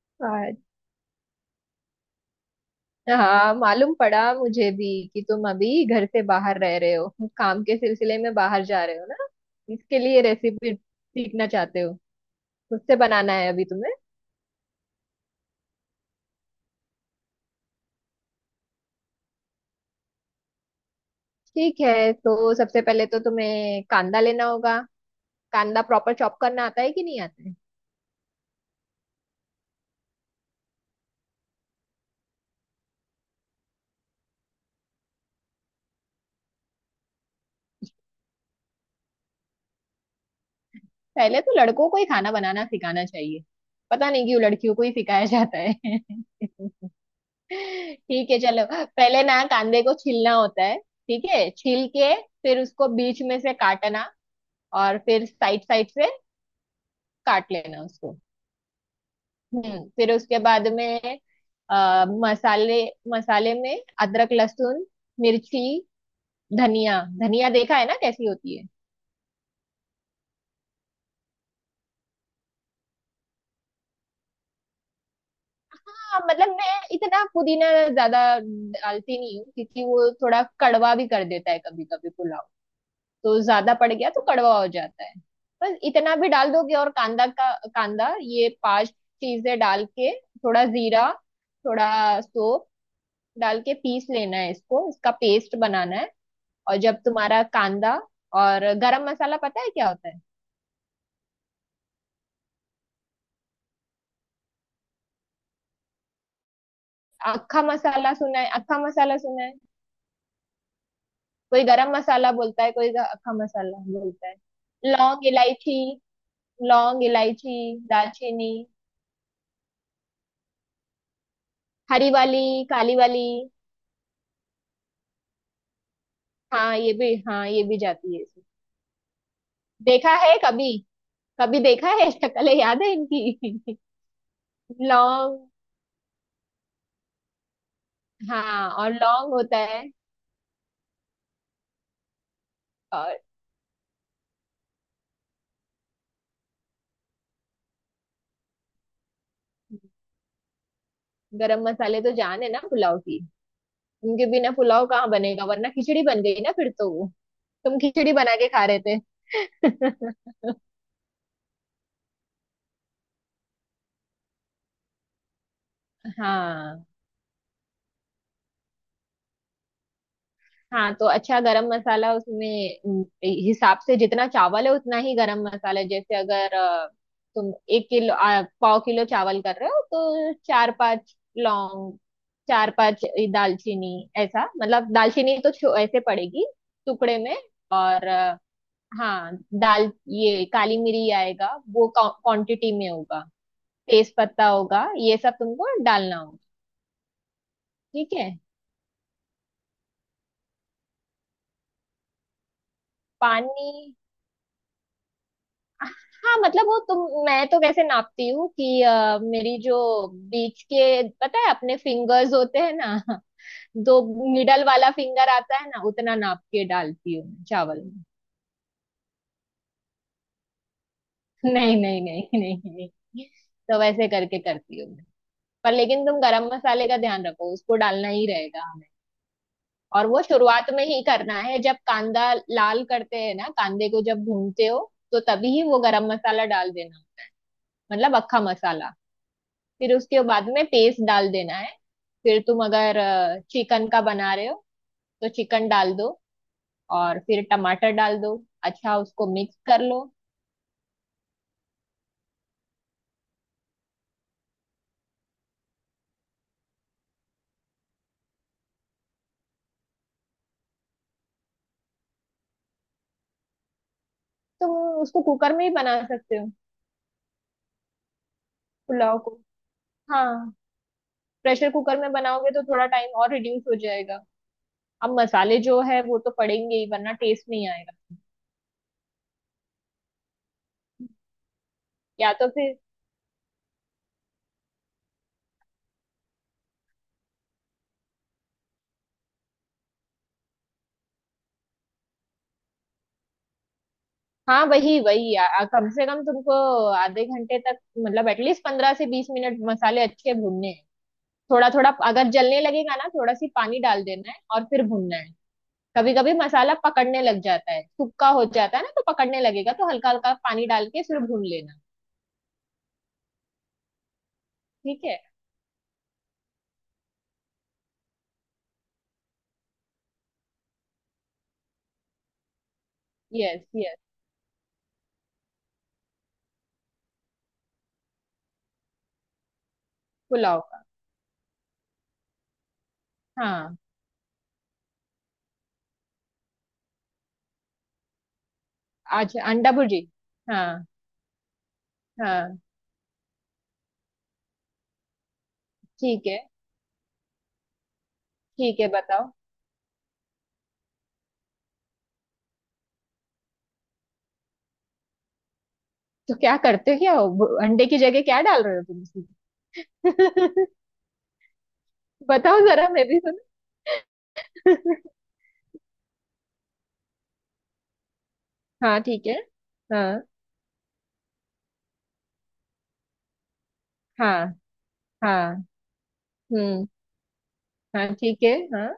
अच्छा, हाँ मालूम पड़ा मुझे भी कि तुम अभी घर से बाहर रह रहे हो, काम के सिलसिले में बाहर जा रहे हो ना। इसके लिए रेसिपी सीखना चाहते हो। उससे बनाना है अभी तुम्हें। ठीक है, तो सबसे पहले तो तुम्हें कांदा लेना होगा। कांदा प्रॉपर चॉप करना आता है कि नहीं आता है? पहले तो लड़कों को ही खाना बनाना सिखाना चाहिए। पता नहीं क्यों लड़कियों को ही सिखाया जाता है। ठीक है, चलो पहले ना कांदे को छीलना होता है। ठीक है, छील के फिर उसको बीच में से काटना, और फिर साइड साइड से काट लेना उसको। फिर उसके बाद में मसाले मसाले में अदरक लहसुन मिर्ची धनिया। धनिया देखा है ना कैसी होती है? हाँ मतलब मैं इतना पुदीना ज्यादा डालती नहीं हूँ, क्योंकि वो थोड़ा कड़वा भी कर देता है कभी कभी पुलाव। तो ज्यादा पड़ गया तो कड़वा हो जाता है। बस इतना भी डाल दोगे, और कांदा का कांदा, ये पांच चीजें डाल के थोड़ा जीरा थोड़ा सौंफ डाल के पीस लेना है इसको, इसका पेस्ट बनाना है। और जब तुम्हारा कांदा, और गरम मसाला पता है क्या होता है? अक्खा मसाला सुना है? अक्खा मसाला सुना है? कोई गरम मसाला बोलता है, कोई अक्खा मसाला बोलता है। लौंग इलायची, लौंग इलायची, दालचीनी। हरी वाली, काली वाली। हाँ ये भी जाती है इसमें। देखा है कभी? कभी देखा है? शक्ल याद है इनकी? लौंग। हाँ, और लौंग होता है। और गरम मसाले तो जान है ना पुलाव की। उनके बिना पुलाव कहाँ बनेगा, वरना खिचड़ी बन गई ना फिर तो वो। तुम खिचड़ी बना के खा रहे थे? हाँ, हाँ। तो अच्छा, गरम मसाला उसमें हिसाब से, जितना चावल है उतना ही गरम मसाला है। जैसे अगर तुम एक किलो, पाव किलो चावल कर रहे हो, तो चार पांच लौंग, चार पांच दालचीनी, ऐसा। मतलब दालचीनी तो ऐसे पड़ेगी, टुकड़े में। और हाँ, दाल ये काली मिरी आएगा, वो क्वांटिटी में होगा। तेज पत्ता होगा, ये सब तुमको डालना होगा। ठीक है। पानी? हाँ मतलब वो तुम, मैं तो कैसे नापती हूँ कि मेरी जो बीच के पता है अपने फिंगर्स होते हैं ना दो, मिडल वाला फिंगर आता है ना, उतना नाप के डालती हूँ मैं चावल में। नहीं नहीं नहीं नहीं नहीं। तो वैसे करके करती हूँ मैं। पर लेकिन तुम गरम मसाले का ध्यान रखो, उसको डालना ही रहेगा। और वो शुरुआत में ही करना है, जब कांदा लाल करते हैं ना, कांदे को जब भूनते हो तो तभी ही वो गरम मसाला डाल देना। मतलब अक्खा मसाला। फिर उसके बाद में पेस्ट डाल देना है। फिर तुम अगर चिकन का बना रहे हो तो चिकन डाल दो, और फिर टमाटर डाल दो। अच्छा, उसको मिक्स कर लो। तुम उसको कुकर में ही बना सकते हो, पुलाव को। हाँ, प्रेशर कुकर में बनाओगे तो थोड़ा टाइम और रिड्यूस हो जाएगा। अब मसाले जो है वो तो पड़ेंगे ही, वरना टेस्ट नहीं आएगा। या तो फिर, हाँ, वही वही आ, आ- कम से कम तुमको आधे घंटे तक, मतलब एटलीस्ट 15 से 20 मिनट मसाले अच्छे भूनने हैं। थोड़ा थोड़ा अगर जलने लगेगा ना, थोड़ा सी पानी डाल देना है और फिर भूनना है। कभी कभी मसाला पकड़ने लग जाता है, सूखा हो जाता है ना, तो पकड़ने लगेगा तो हल्का हल्का पानी डाल के फिर भून लेना। ठीक है। Yes, yes. पुलाव का। हाँ। आज अंडा भुर्जी। हाँ, हाँ, ठीक है। ठीक है, बताओ। तो क्या करते हो? क्या हो, अंडे की जगह क्या डाल रहे हो तुम इसमें? बताओ जरा, मैं भी सुन। हाँ, ठीक है। हाँ, हाँ, हाँ। हम्म। हाँ, ठीक है। हाँ।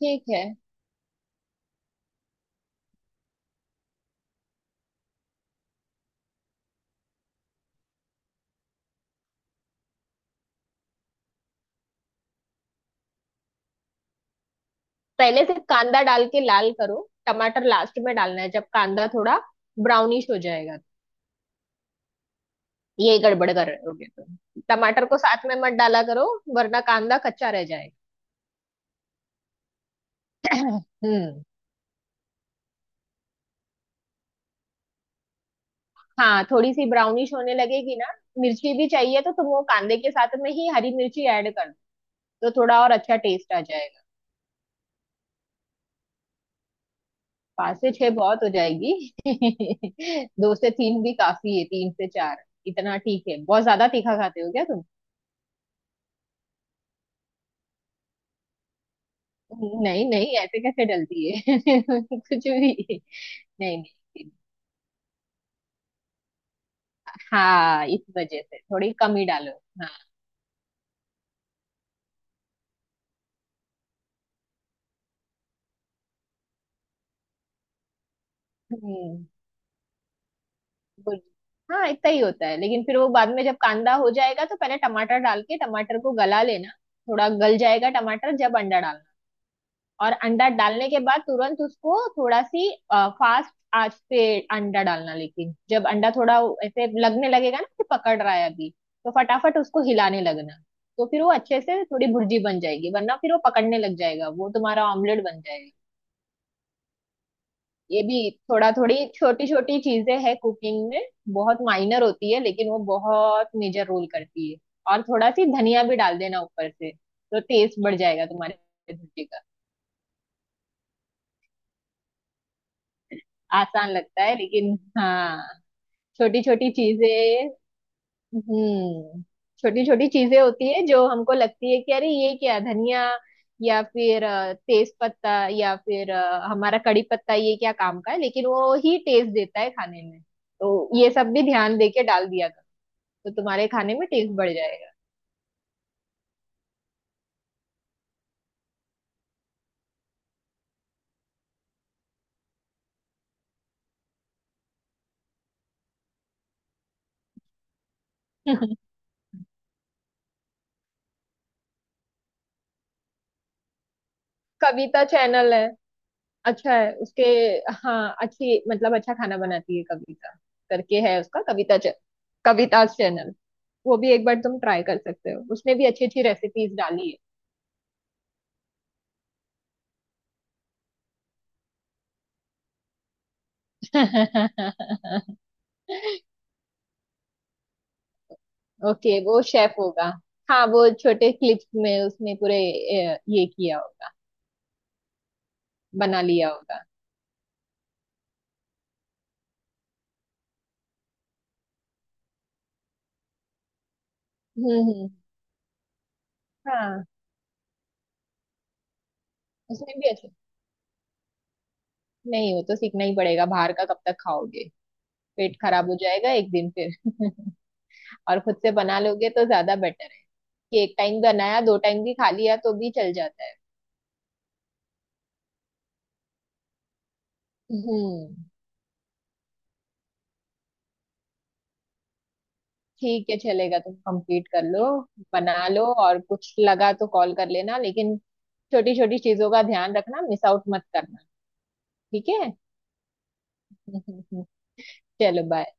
ठीक है। पहले से कांदा डाल के लाल करो। टमाटर लास्ट में डालना है, जब कांदा थोड़ा ब्राउनिश हो जाएगा। ये गड़बड़ कर रहे होगे तुम। टमाटर को साथ में मत डाला करो, वरना कांदा कच्चा रह जाएगा। हम्म। हाँ, थोड़ी सी ब्राउनिश होने लगेगी ना। मिर्ची भी चाहिए तो तुम वो कांदे के साथ में ही हरी मिर्ची ऐड कर दो, तो थोड़ा और अच्छा टेस्ट आ जाएगा। पांच से छह बहुत हो जाएगी। दो से तीन भी काफी है, तीन से चार, इतना ठीक है। बहुत ज्यादा तीखा खाते हो क्या तुम? नहीं नहीं, ऐसे कैसे डलती है? कुछ भी। नहीं नहीं। हाँ, इस वजह से थोड़ी कम ही डालो। हाँ। हम्म। बुर- हाँ, इतना ही होता है, लेकिन फिर वो बाद में जब कांदा हो जाएगा तो पहले टमाटर डाल के टमाटर को गला लेना। थोड़ा गल जाएगा टमाटर, जब अंडा डालना। और अंडा डालने के बाद तुरंत उसको थोड़ा सी फास्ट आंच पे अंडा डालना, लेकिन जब अंडा थोड़ा ऐसे लगने लगेगा ना कि पकड़ रहा है अभी, तो फटाफट उसको हिलाने लगना। तो फिर वो अच्छे से थोड़ी भुर्जी बन जाएगी, वरना फिर वो पकड़ने लग जाएगा, वो तुम्हारा ऑमलेट बन जाएगा। ये भी थोड़ा, थोड़ी छोटी छोटी चीजें है कुकिंग में, बहुत माइनर होती है लेकिन वो बहुत मेजर रोल करती है। और थोड़ा सी धनिया भी डाल देना ऊपर से, तो टेस्ट बढ़ जाएगा तुम्हारे भुर्जी का। आसान लगता है, लेकिन हाँ, छोटी छोटी चीजें। हम्म। छोटी छोटी चीजें होती है जो हमको लगती है कि अरे ये क्या धनिया या फिर तेज पत्ता या फिर हमारा कड़ी पत्ता, ये क्या काम का है, लेकिन वो ही टेस्ट देता है खाने में। तो ये सब भी ध्यान दे के डाल दिया कर, तो तुम्हारे खाने में टेस्ट बढ़ जाएगा। कविता चैनल है, अच्छा है उसके। हाँ, अच्छी मतलब अच्छा खाना बनाती है। कविता करके है उसका, कविता चैनल। वो भी एक बार तुम ट्राई कर सकते हो, उसने भी अच्छी अच्छी रेसिपीज डाली है। ओके, वो शेफ होगा। हाँ, वो छोटे क्लिप्स में उसने पूरे ये किया होगा, बना लिया होगा। हम्म, हम्म। हाँ, उसने भी अच्छे। नहीं, वो तो सीखना ही पड़ेगा, बाहर का कब तक खाओगे? पेट खराब हो जाएगा एक दिन फिर। और खुद से बना लोगे तो ज्यादा बेटर, कि एक टाइम बनाया दो टाइम भी खा लिया तो भी चल जाता है। हम्म। ठीक है, चलेगा, तुम कंप्लीट कर लो। बना लो, और कुछ लगा तो कॉल कर लेना, लेकिन छोटी छोटी चीजों का ध्यान रखना, मिस आउट मत करना। ठीक है। चलो, बाय।